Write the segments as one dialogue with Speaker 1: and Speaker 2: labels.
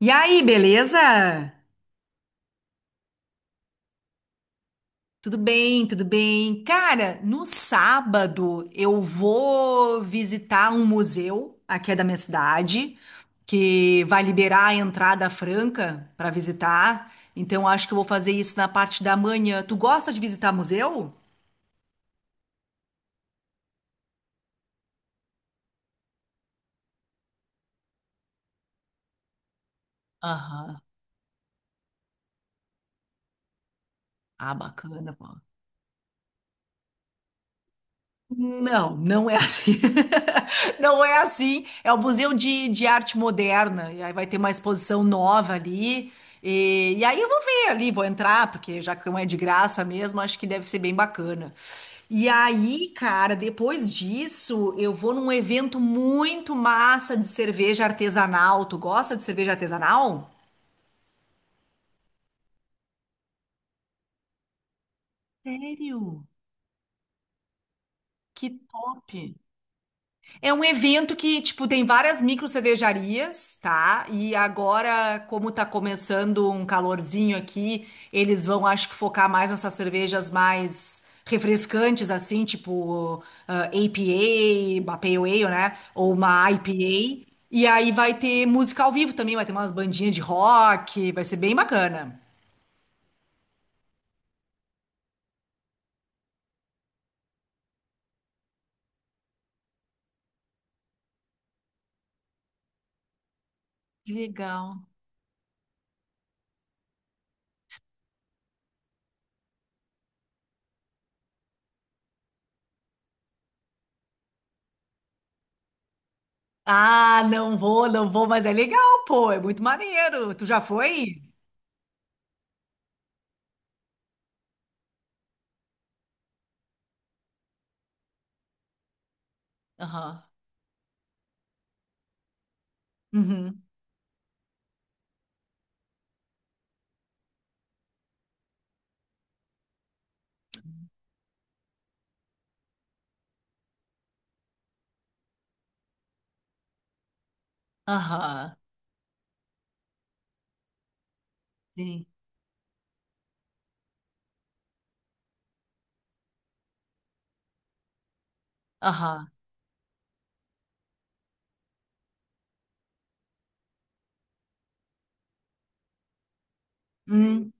Speaker 1: E aí, beleza? Tudo bem, tudo bem. Cara, no sábado eu vou visitar um museu aqui é da minha cidade, que vai liberar a entrada franca para visitar. Então acho que eu vou fazer isso na parte da manhã. Tu gosta de visitar museu? Aham. Ah, bacana, pô. Não, não é assim. Não é assim. É o Museu de Arte Moderna. E aí vai ter uma exposição nova ali. E aí eu vou ver ali, vou entrar, porque já que não é de graça mesmo, acho que deve ser bem bacana. E aí, cara, depois disso, eu vou num evento muito massa de cerveja artesanal. Tu gosta de cerveja artesanal? Sério? Que top! É um evento que, tipo, tem várias micro cervejarias, tá? E agora, como tá começando um calorzinho aqui, eles vão, acho que, focar mais nessas cervejas mais refrescantes, assim, tipo APA, uma Pale Ale, né? Ou uma IPA. E aí vai ter música ao vivo também, vai ter umas bandinhas de rock, vai ser bem bacana. Que legal. Ah, não vou, não vou, mas é legal, pô, é muito maneiro. Tu já foi? Aham. Uhum. Aham, sim. Aham. Hum.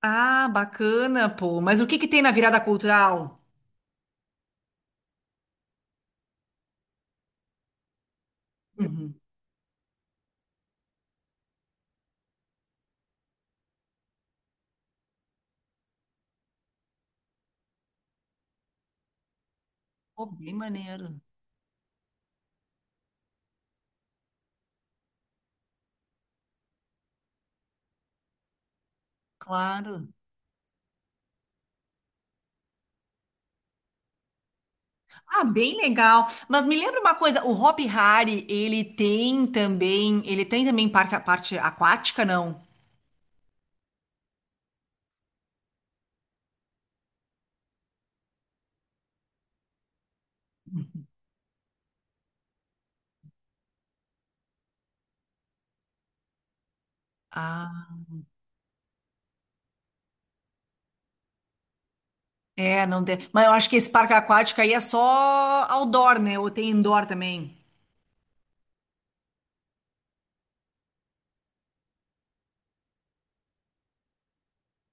Speaker 1: Ah, bacana, pô. Mas o que que tem na virada cultural? Uhum. Pô, bem maneiro. Claro. Ah, bem legal. Mas me lembra uma coisa, o Hopi Hari, ele tem também parque, parte aquática, não? Ah, é, não tem. Mas eu acho que esse parque aquático aí é só outdoor, né? Ou tem indoor também?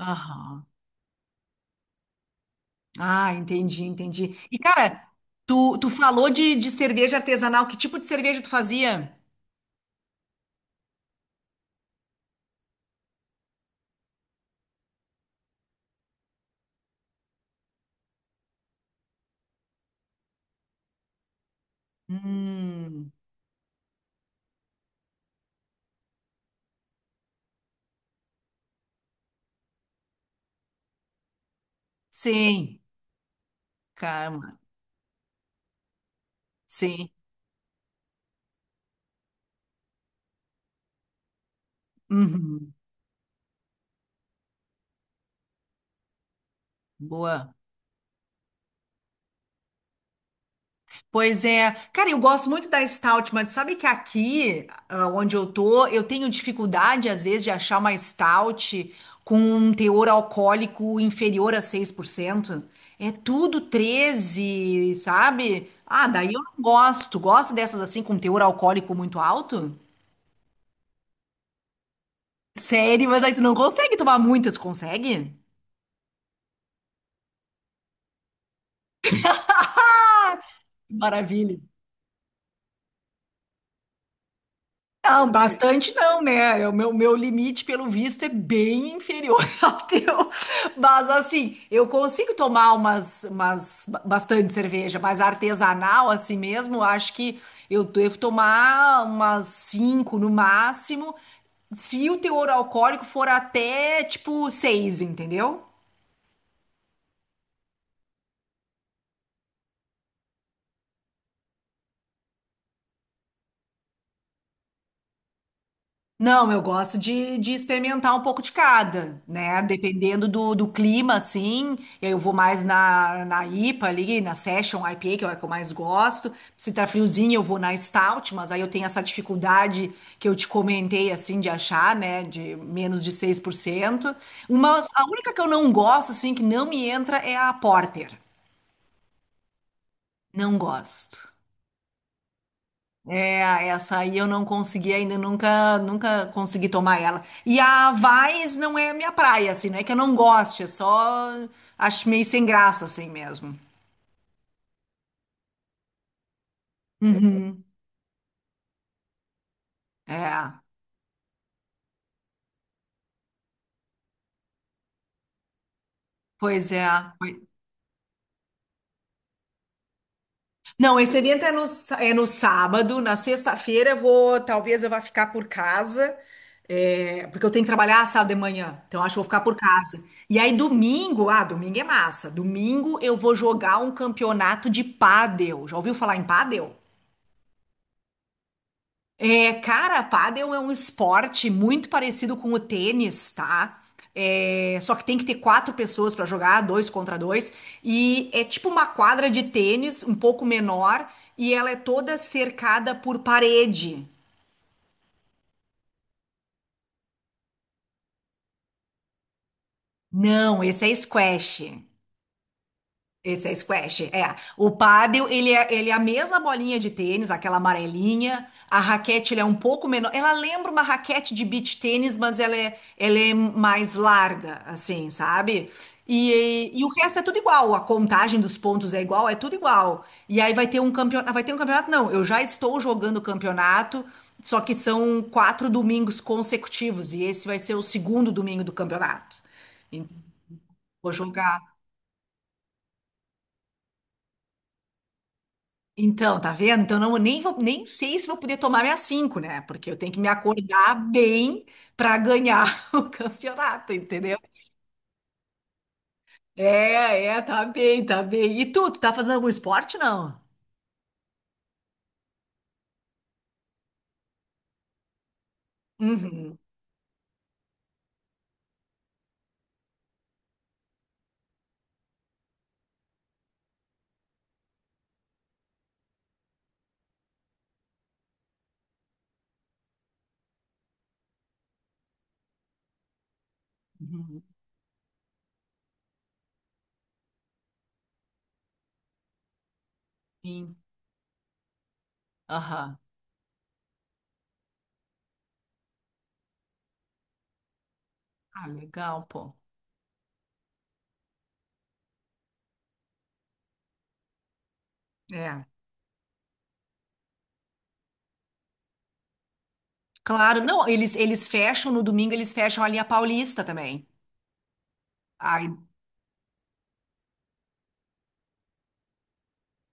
Speaker 1: Aham. Ah, entendi, entendi. E, cara, tu falou de cerveja artesanal. Que tipo de cerveja tu fazia? Hum, sim, calma, sim. Uhum, boa. Pois é. Cara, eu gosto muito da Stout, mas sabe que aqui, onde eu tô, eu tenho dificuldade, às vezes, de achar uma Stout com um teor alcoólico inferior a 6%. É tudo 13, sabe? Ah, daí eu não gosto. Gosto dessas assim, com teor alcoólico muito alto? Sério, mas aí tu não consegue tomar muitas, consegue? Maravilha. Não, bastante não, né? É, o meu, limite, pelo visto, é bem inferior ao teu. Mas, assim, eu consigo tomar umas bastante cerveja, mas artesanal, assim mesmo, eu acho que eu devo tomar umas cinco no máximo, se o teor alcoólico for até, tipo, seis, entendeu? Não, eu gosto de experimentar um pouco de cada, né? Dependendo do clima, assim, eu vou mais na IPA ali, na Session IPA, que é a que eu mais gosto. Se tá friozinho, eu vou na Stout, mas aí eu tenho essa dificuldade que eu te comentei, assim, de achar, né? De menos de 6%. A única que eu não gosto, assim, que não me entra é a Porter. Não gosto. É, essa aí eu não consegui ainda, nunca, nunca consegui tomar ela. E a Vaz não é a minha praia, assim, não é que eu não goste, é só acho meio sem graça, assim mesmo. Uhum. É, pois é. Pois- Não, esse evento é no sábado, na sexta-feira eu vou, talvez eu vá ficar por casa, é, porque eu tenho que trabalhar sábado de manhã, então acho que eu vou ficar por casa. E aí domingo, domingo é massa, domingo eu vou jogar um campeonato de pádel, já ouviu falar em pádel? É, cara, pádel é um esporte muito parecido com o tênis, tá? É, só que tem que ter quatro pessoas pra jogar, dois contra dois, e é tipo uma quadra de tênis, um pouco menor, e ela é toda cercada por parede. Não, esse é squash. Esse é squash, é. O pádel, ele é, a mesma bolinha de tênis, aquela amarelinha. A raquete, ele é um pouco menor. Ela lembra uma raquete de beach tênis, mas ela é mais larga, assim, sabe? E o resto é tudo igual. A contagem dos pontos é igual, é tudo igual. E aí vai ter um campeonato. Vai ter um campeonato? Não, eu já estou jogando o campeonato, só que são 4 domingos consecutivos. E esse vai ser o segundo domingo do campeonato. Então, vou jogar. Então, tá vendo? Então, não, eu nem vou, nem sei se vou poder tomar minhas cinco, né? Porque eu tenho que me acordar bem para ganhar o campeonato, entendeu? É, é, tá bem, tá bem. E tu, tá fazendo algum esporte, não? Uhum. Uhum, sim. Aham. Ah, legal, pô. É. Claro, não, eles fecham no domingo, eles fecham a linha Paulista também. Ah.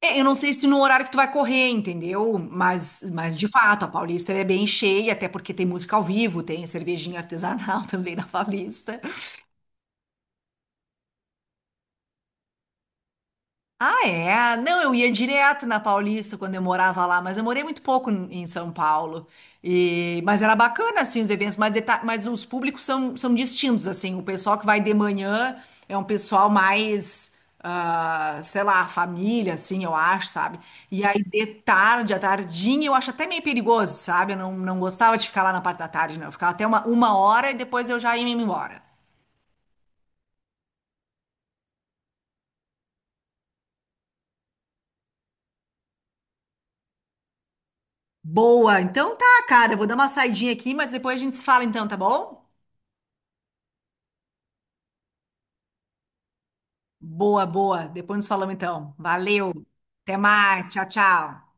Speaker 1: É, eu não sei se no horário que tu vai correr, entendeu? Mas de fato, a Paulista ela é bem cheia, até porque tem música ao vivo, tem cervejinha artesanal também na Paulista. Ah, é? Não, eu ia direto na Paulista quando eu morava lá, mas eu morei muito pouco em São Paulo. E, mas era bacana, assim, os eventos, mas os públicos são distintos, assim. O pessoal que vai de manhã é um pessoal mais, ah, sei lá, família, assim, eu acho, sabe? E aí de tarde, à tardinha, eu acho até meio perigoso, sabe? Eu não gostava de ficar lá na parte da tarde, não. Eu ficava até uma hora e depois eu já ia me embora. Boa, então tá, cara, eu vou dar uma saidinha aqui, mas depois a gente se fala então, tá bom? Boa, boa. Depois nos falamos então. Valeu. Até mais. Tchau, tchau.